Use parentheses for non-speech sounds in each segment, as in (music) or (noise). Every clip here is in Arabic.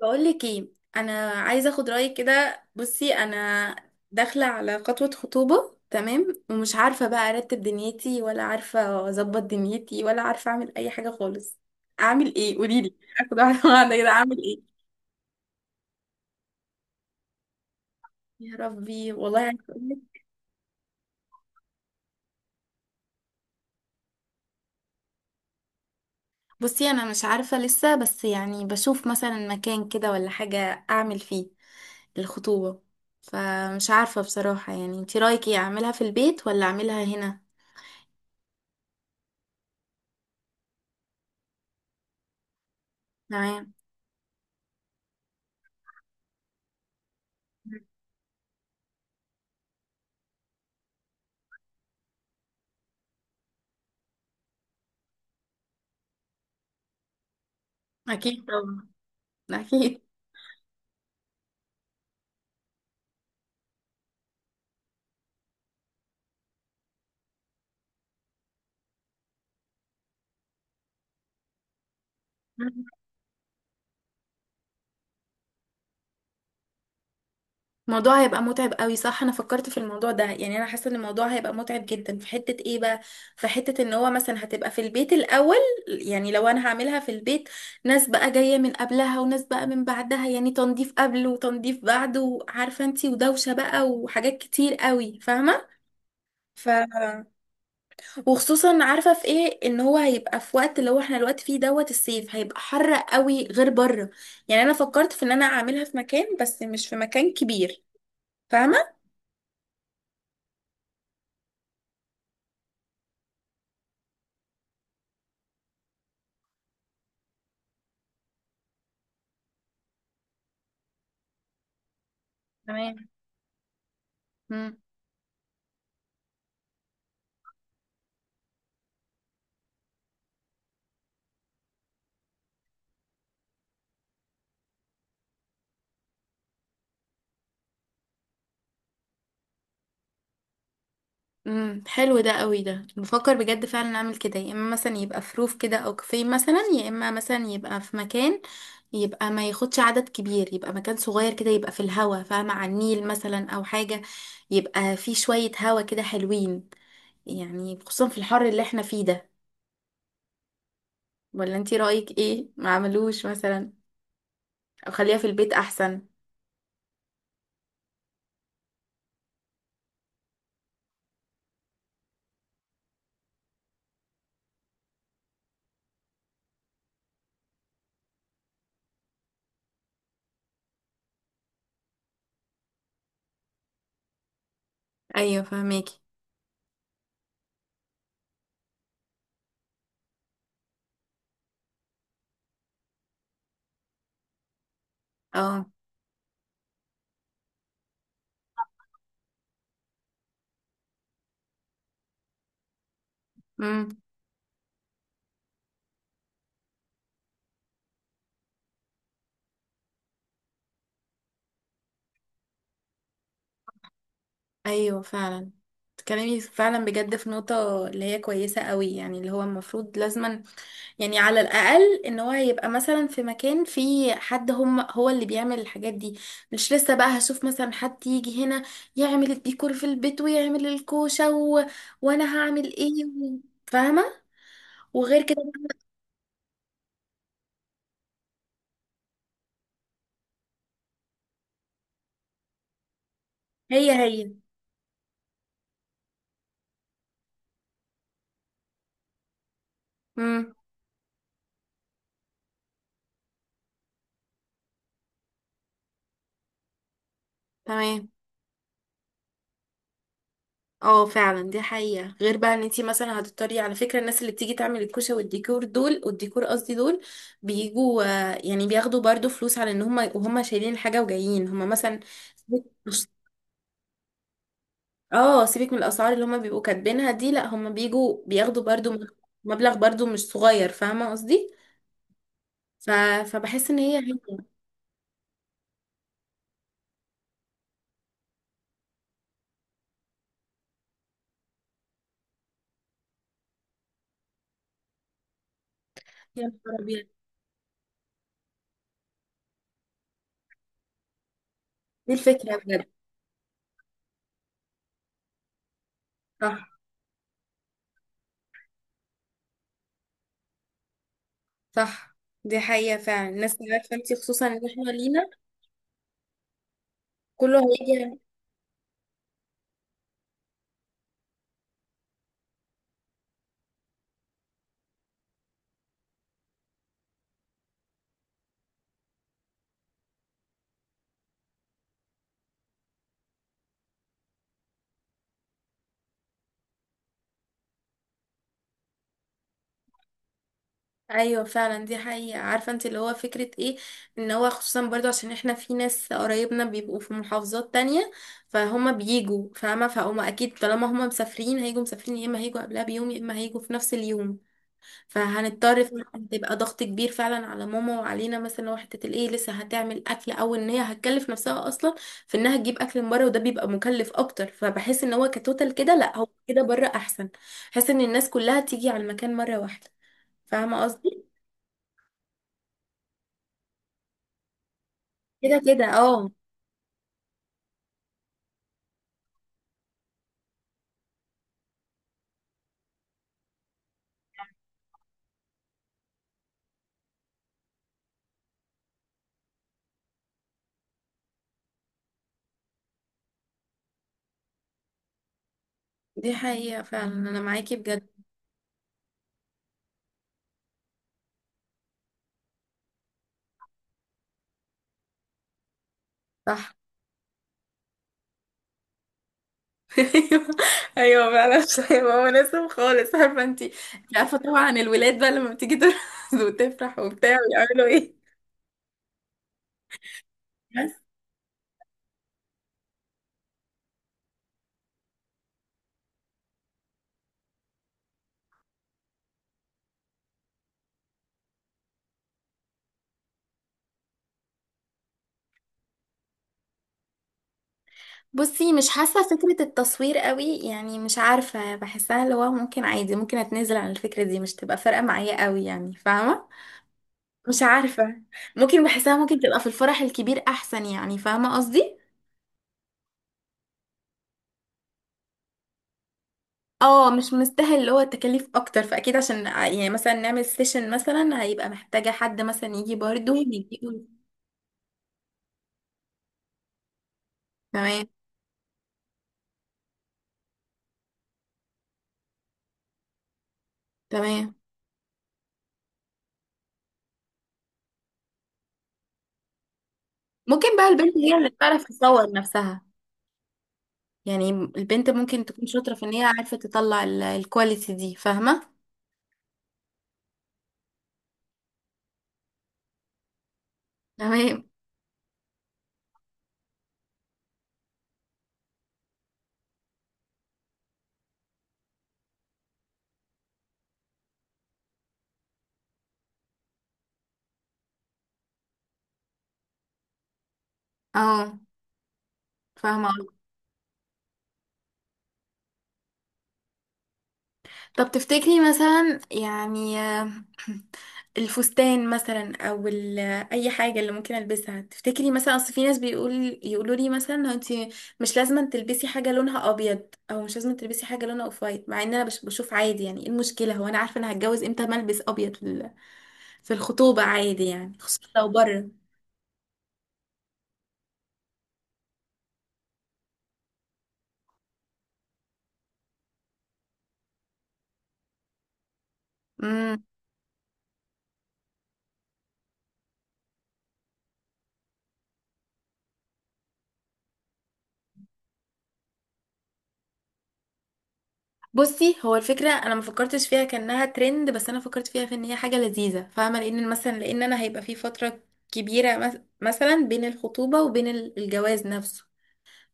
بقول لك ايه، انا عايزه اخد رايك كده. بصي، انا داخله على خطوبه، تمام، ومش عارفه بقى ارتب دنيتي، ولا عارفه اظبط دنيتي، ولا عارفه اعمل اي حاجه خالص. اعمل ايه؟ قولي لي. اخد واحده واحده كده، اعمل ايه؟ يا ربي، والله عايزه اقول لك. بصي، انا مش عارفه لسه، بس يعني بشوف مثلا مكان كده ولا حاجه اعمل فيه الخطوبه. فمش عارفه بصراحه، يعني انتي رايك ايه؟ اعملها في البيت ولا اعملها هنا؟ تمام. اكيد طبعا. اكيد. الموضوع هيبقى متعب قوي، صح، انا فكرت في الموضوع ده، يعني انا حاسه ان الموضوع هيبقى متعب جدا. في حته ايه بقى؟ في حته ان هو مثلا هتبقى في البيت الاول، يعني لو انا هعملها في البيت، ناس بقى جايه من قبلها وناس بقى من بعدها، يعني تنظيف قبل وتنظيف بعد، وعارفه انتي ودوشه بقى وحاجات كتير قوي، فاهمه. ف وخصوصا عارفه في ايه، ان هو هيبقى في وقت اللي هو احنا الوقت فيه دوت الصيف، هيبقى حر قوي غير بره. يعني انا فكرت في ان انا اعملها في مكان، بس مش في مكان كبير. فاهمة؟ تمام. مم. حلو ده قوي، ده بفكر بجد فعلا اعمل كده، يا اما مثلا يبقى في روف كده او كافيه مثلا، يا اما مثلا يبقى في مكان يبقى ما ياخدش عدد كبير، يبقى مكان صغير كده، يبقى في الهوا، فاهمة، على النيل مثلا او حاجة، يبقى في شوية هوا كده حلوين، يعني خصوصا في الحر اللي احنا فيه ده. ولا انتي رأيك ايه؟ ما عملوش مثلا او خليها في البيت احسن؟ ايوه، فهماكي. اه. ايوه فعلا، تكلمي فعلا بجد في نقطة اللي هي كويسة قوي، يعني اللي هو المفروض لازما، يعني على الأقل ان هو يبقى مثلا في مكان فيه حد هم هو اللي بيعمل الحاجات دي. مش لسه بقى هشوف مثلا حد يجي هنا يعمل الديكور في البيت ويعمل الكوشة و... وانا هعمل ايه فاهمة. وغير كده هي هي امم تمام. اه فعلا، دي حقيقة، غير بقى ان انتي مثلا هتضطري، على فكرة، الناس اللي بتيجي تعمل الكوشة والديكور دول، والديكور قصدي دول بيجوا، يعني بياخدوا برضو فلوس على ان هم، وهم شايلين الحاجة وجايين هم مثلا. سيبك- اه، سيبك من الاسعار اللي هم بيبقوا كاتبينها دي، لا هم بيجوا بياخدوا برضو مبلغ برضو مش صغير، فاهمة قصدي. ف... فبحس ان هي. يا نهار أبيض. دي الفكرة بجد. صح. صح، دي حقيقة فعلا، الناس عارفة انتي، خصوصا ان احنا لينا كله هيجي. ايوه فعلا، دي حقيقة، عارفة انت اللي هو فكرة ايه، ان هو خصوصا برضو عشان احنا في ناس قرايبنا بيبقوا في محافظات تانية، فهما بيجوا، فاهمة، فهما اكيد طالما هما مسافرين هيجوا مسافرين، يا اما هيجوا قبلها بيوم، يا اما هيجوا في نفس اليوم. فهنضطر فعلاً تبقى ضغط كبير فعلا على ماما وعلينا، مثلا لو حتة الايه لسه هتعمل اكل، او ان هي هتكلف نفسها اصلا في انها تجيب اكل من بره، وده بيبقى مكلف اكتر. فبحس ان هو كتوتال كده، لا، هو كده بره احسن. بحس ان الناس كلها تيجي على المكان مرة واحدة، فاهمة قصدي. كده كده اه. دي حقيقة فعلا، انا معاكي بجد. صح. (laughs) ايوه. ايوه فعلا (laughs) مش هيبقى مناسب خالص عارفه انت. عارفه طبعا الولاد بقى لما بتيجي ترقص (laughs) وتفرح وبتاع ويعملوا ايه. بس. بصي، مش حاسة فكرة التصوير قوي، يعني مش عارفة، بحسها اللي هو ممكن عادي، ممكن اتنازل عن الفكرة دي، مش تبقى فارقة معايا قوي، يعني فاهمة. مش عارفة، ممكن بحسها ممكن تبقى في الفرح الكبير احسن، يعني فاهمة قصدي. اه مش مستاهل، اللي هو التكاليف اكتر، فاكيد عشان يعني مثلا نعمل سيشن مثلا، هيبقى محتاجة حد مثلا يجي برضه يجيبه. تمام. تمام. ممكن بقى البنت هي اللي تعرف تصور نفسها، يعني البنت ممكن تكون شاطرة في ان هي عارفة تطلع الكواليتي دي، فاهمة. تمام. اه فاهمة. طب تفتكري مثلا، يعني (clears throat) الفستان مثلا او اي حاجه اللي ممكن البسها، تفتكري مثلا؟ اصل في ناس بيقول، يقولوا لي مثلا انت مش لازم تلبسي حاجه لونها ابيض، او مش لازم تلبسي حاجه لونها اوف وايت، مع ان انا بشوف عادي، يعني ايه المشكله؟ هو انا عارفه انا هتجوز امتى ما البس ابيض في في الخطوبه، عادي يعني، خصوصا لو بره. بصي، هو الفكرة انا ما فكرتش فيها كأنها ترند، بس انا فكرت فيها في ان هي حاجة لذيذة، فاهمة، لان مثلا، لان انا هيبقى في فترة كبيرة، مثلا بين الخطوبة وبين الجواز نفسه.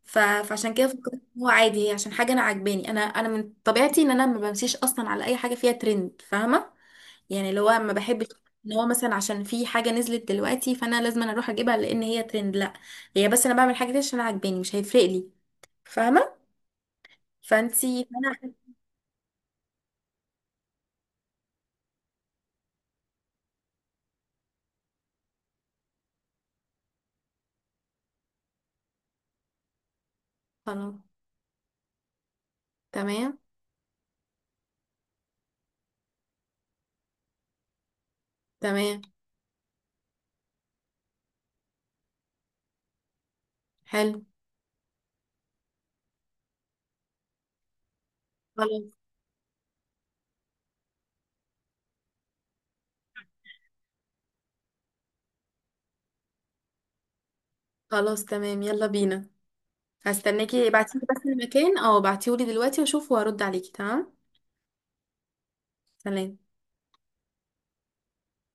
فعشان كده فكرت إن هو عادي، هي عشان حاجة انا عاجباني. انا انا من طبيعتي ان انا ما بمشيش اصلا على اي حاجة فيها ترند، فاهمة، يعني اللي هو ما بحبش ان هو مثلا عشان في حاجة نزلت دلوقتي فانا لازم أنا اروح اجيبها لان هي ترند، لا، هي بس انا بعمل حاجة دي عشان أنا عاجباني، مش هيفرق لي، فاهمة. فانا خلاص. تمام. تمام. حلو. خلاص. خلاص تمام، يلا بينا. هستناكي، ابعتيلي بس المكان، اه ابعتيهولي دلوقتي واشوف وارد عليكي، تمام. سلام.